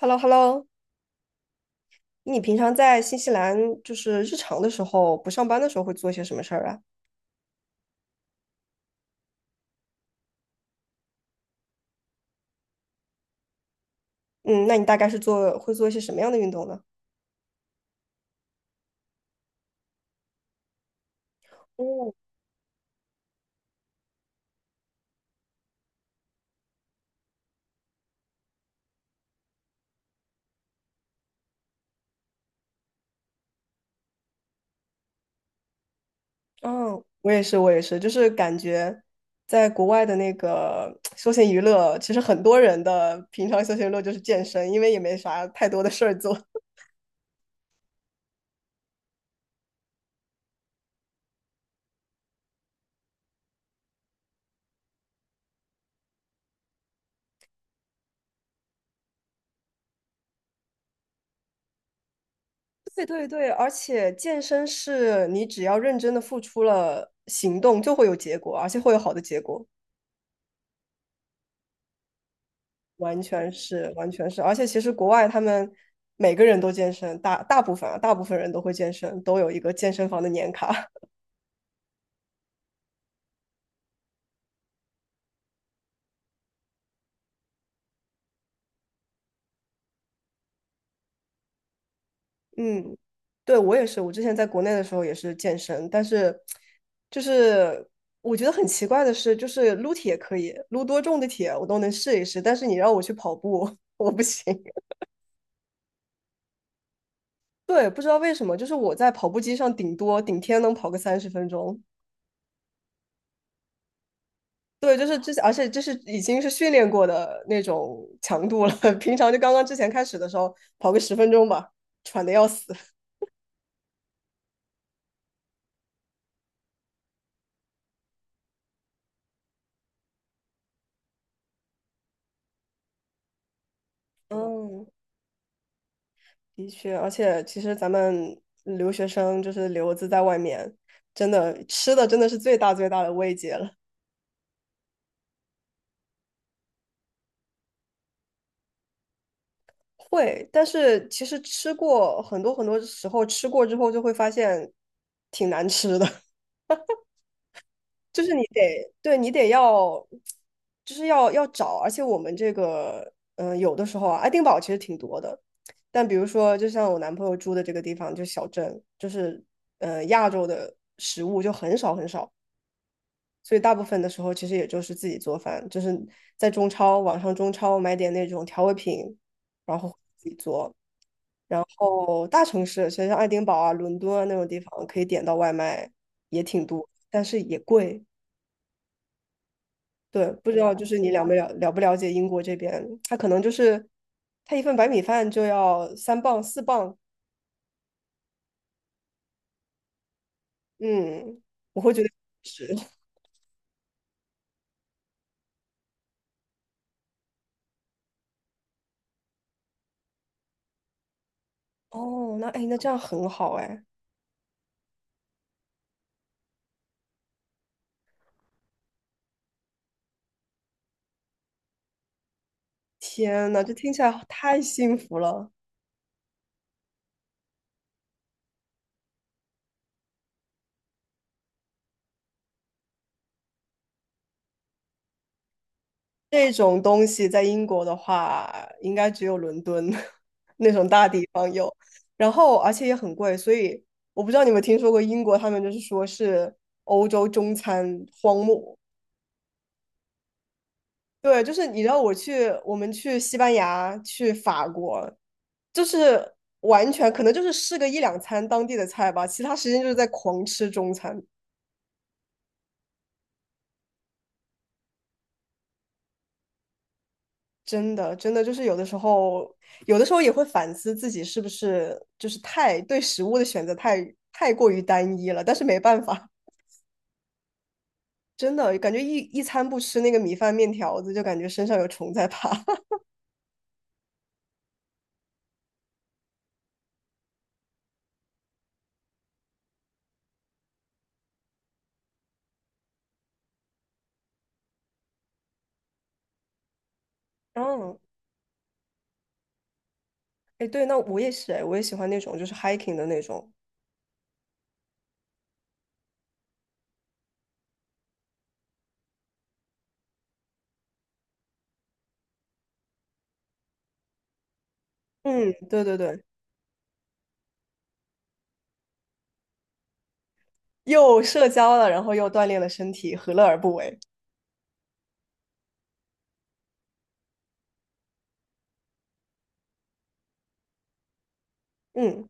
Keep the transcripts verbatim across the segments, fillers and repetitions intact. h e l l o h e l l o。 你平常在新西兰，就是日常的时候，不上班的时候会做些什么事儿啊？嗯，那你大概是做会做一些什么样的运动呢？嗯，嗯，我也是，我也是，就是感觉在国外的那个休闲娱乐，其实很多人的平常休闲娱乐就是健身，因为也没啥太多的事儿做。对对对，而且健身是你只要认真的付出了行动，就会有结果，而且会有好的结果。完全是，完全是，而且其实国外他们每个人都健身，大大部分啊，大部分人都会健身，都有一个健身房的年卡。嗯，对，我也是，我之前在国内的时候也是健身，但是就是我觉得很奇怪的是，就是撸铁可以，撸多重的铁我都能试一试，但是你让我去跑步，我不行。对，不知道为什么，就是我在跑步机上顶多顶天能跑个三十分钟。对，就是之前，而且这是已经是训练过的那种强度了。平常就刚刚之前开始的时候，跑个十分钟吧，喘的要死。嗯，的确，而且其实咱们留学生就是留子在外面，真的吃的真的是最大最大的慰藉了。会，但是其实吃过很多很多时候，吃过之后就会发现挺难吃的。就是你得，对你得要，就是要要找，而且我们这个，嗯、有的时候啊，爱丁堡其实挺多的，但比如说，就像我男朋友住的这个地方，就小镇，就是，呃，亚洲的食物就很少很少，所以大部分的时候其实也就是自己做饭，就是在中超，网上中超买点那种调味品，然后自己做。然后大城市，其实像爱丁堡啊、伦敦啊那种地方，可以点到外卖也挺多，但是也贵。对，不知道就是你了没了了不了解英国这边，他可能就是他一份白米饭就要三磅四磅，嗯，我会觉得是 哦，那哎，那这样很好哎，天呐，这听起来好太幸福了。这种东西在英国的话，应该只有伦敦 那种大地方有，然后而且也很贵，所以我不知道你们听说过英国，他们就是说是欧洲中餐荒漠，对，就是你知道我去，我们去西班牙、去法国，就是完全可能就是试个一两餐当地的菜吧，其他时间就是在狂吃中餐。真的，真的就是有的时候，有的时候也会反思自己是不是就是太对食物的选择太太过于单一了，但是没办法，真的感觉一一餐不吃那个米饭面条子，就感觉身上有虫在爬。嗯，哎，对，那我也是，哎，我也喜欢那种就是 hiking 的那种。嗯，对对对。又社交了，然后又锻炼了身体，何乐而不为？嗯，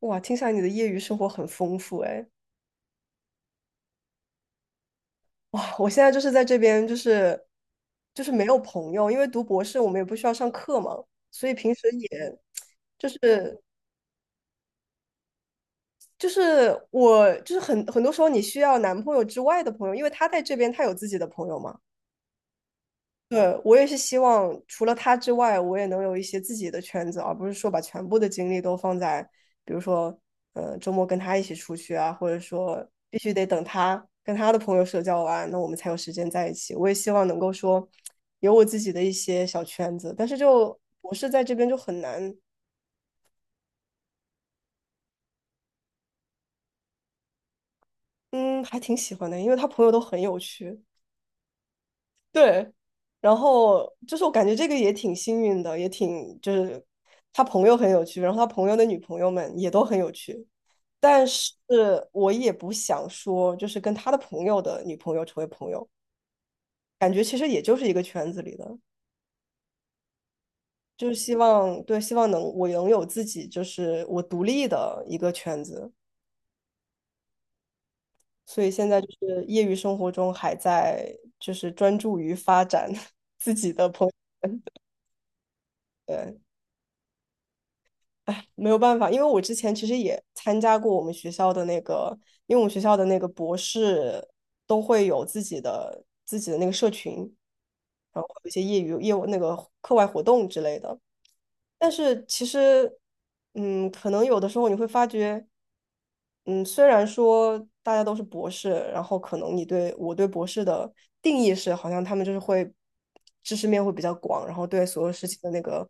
哇，听起来你的业余生活很丰富哎。哇，我现在就是在这边，就是就是没有朋友，因为读博士我们也不需要上课嘛，所以平时也就是就是我就是很很多时候你需要男朋友之外的朋友，因为他在这边他有自己的朋友嘛，对，我也是希望，除了他之外，我也能有一些自己的圈子，而不是说把全部的精力都放在，比如说，呃，周末跟他一起出去啊，或者说必须得等他跟他的朋友社交完，那我们才有时间在一起。我也希望能够说，有我自己的一些小圈子，但是就我是在这边就很难，嗯，还挺喜欢的，因为他朋友都很有趣。对，然后就是我感觉这个也挺幸运的，也挺就是他朋友很有趣，然后他朋友的女朋友们也都很有趣，但是我也不想说就是跟他的朋友的女朋友成为朋友，感觉其实也就是一个圈子里的，就是希望对，希望能我能有自己就是我独立的一个圈子，所以现在就是业余生活中还在就是专注于发展 自己的朋友圈，对。哎，没有办法，因为我之前其实也参加过我们学校的那个，因为我们学校的那个博士都会有自己的自己的那个社群，然后会有一些业余业务那个课外活动之类的。但是其实，嗯，可能有的时候你会发觉，嗯，虽然说大家都是博士，然后可能你对我对博士的定义是，好像他们就是会知识面会比较广，然后对所有事情的那个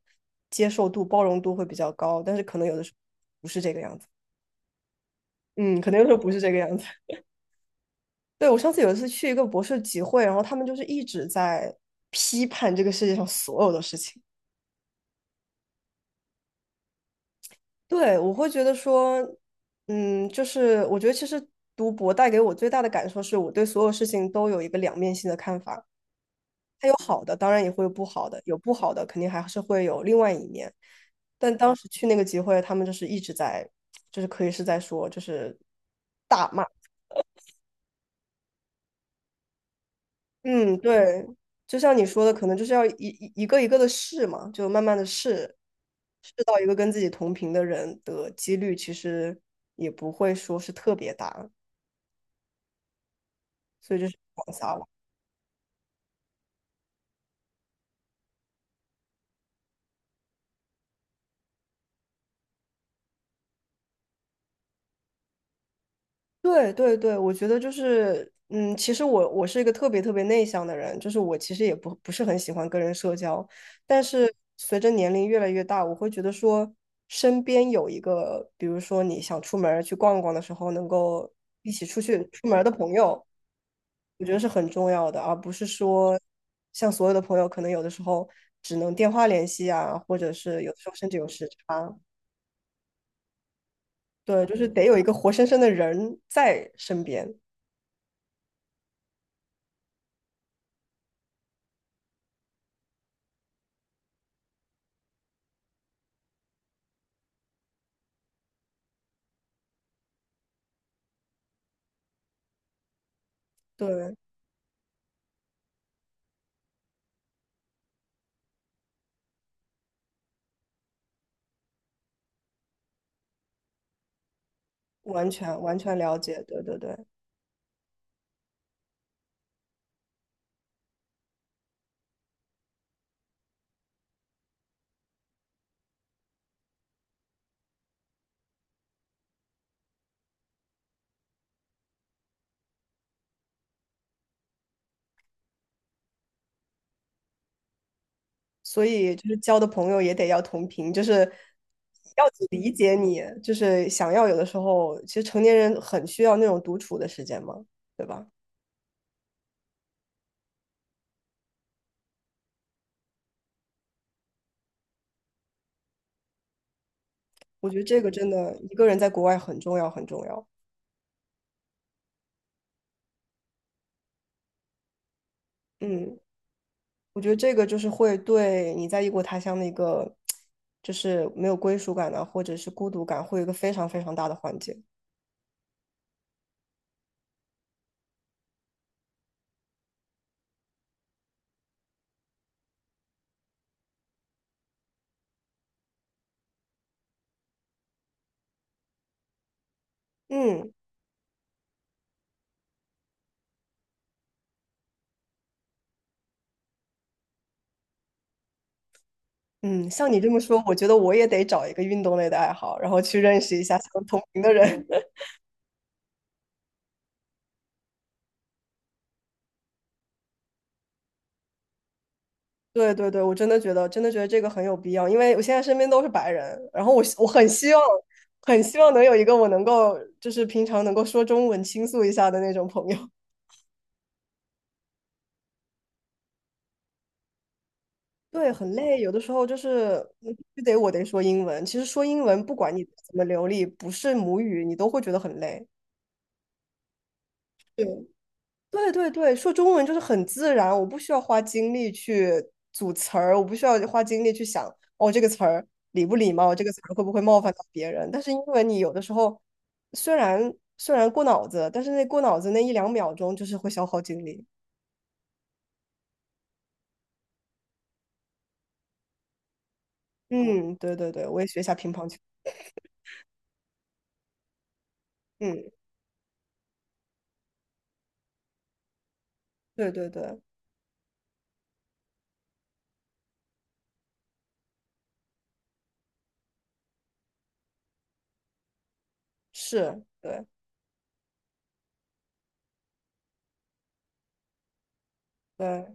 接受度、包容度会比较高，但是可能有的时候不是这个样子。嗯，可能有的时候不是这个样子。对，我上次有一次去一个博士集会，然后他们就是一直在批判这个世界上所有的事情。对，我会觉得说，嗯，就是我觉得其实读博带给我最大的感受是我对所有事情都有一个两面性的看法。它有好的，当然也会有不好的，有不好的肯定还是会有另外一面。但当时去那个集会，他们就是一直在，就是可以是在说，就是大骂。嗯，对，就像你说的，可能就是要一一一个一个的试嘛，就慢慢的试，试到一个跟自己同频的人的几率，其实也不会说是特别大，所以就是广撒网。对对对，我觉得就是，嗯，其实我我是一个特别特别内向的人，就是我其实也不不是很喜欢跟人社交，但是随着年龄越来越大，我会觉得说，身边有一个，比如说你想出门儿去逛逛的时候，能够一起出去出门儿的朋友，我觉得是很重要的，而不是说像所有的朋友，可能有的时候只能电话联系啊，或者是有的时候甚至有时差，对，就是得有一个活生生的人在身边，对。完全完全了解，对对对，所以就是交的朋友也得要同频，就是要理解你，就是想要有的时候，其实成年人很需要那种独处的时间嘛，对吧？我觉得这个真的一个人在国外很重要，很重要。嗯，我觉得这个就是会对你在异国他乡的一个，就是没有归属感啊，或者是孤独感，会有一个非常非常大的缓解。嗯。嗯，像你这么说，我觉得我也得找一个运动类的爱好，然后去认识一下相同频的人。对对对，我真的觉得，真的觉得这个很有必要，因为我现在身边都是白人，然后我我很希望，很希望能有一个我能够，就是平常能够说中文倾诉一下的那种朋友。对，很累，有的时候就是嗯必须得我得说英文。其实说英文，不管你怎么流利，不是母语，你都会觉得很累。对对对对，说中文就是很自然，我不需要花精力去组词儿，我不需要花精力去想，哦，这个词儿礼不礼貌，这个词儿会不会冒犯到别人。但是英文你有的时候虽然虽然过脑子，但是那过脑子那一两秒钟就是会消耗精力。嗯，对对对，我也学一下乒乓球。嗯，对对对，是，对对。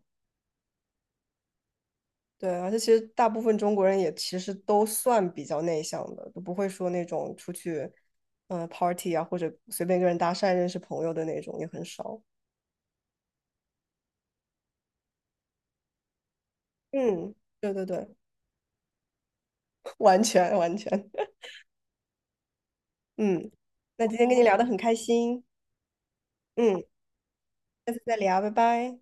对，而且其实大部分中国人也其实都算比较内向的，都不会说那种出去，呃，party 啊，或者随便跟人搭讪认识朋友的那种也很少。嗯，对对对，完全完全。嗯，那今天跟你聊的很开心，嗯，下次再聊，拜拜。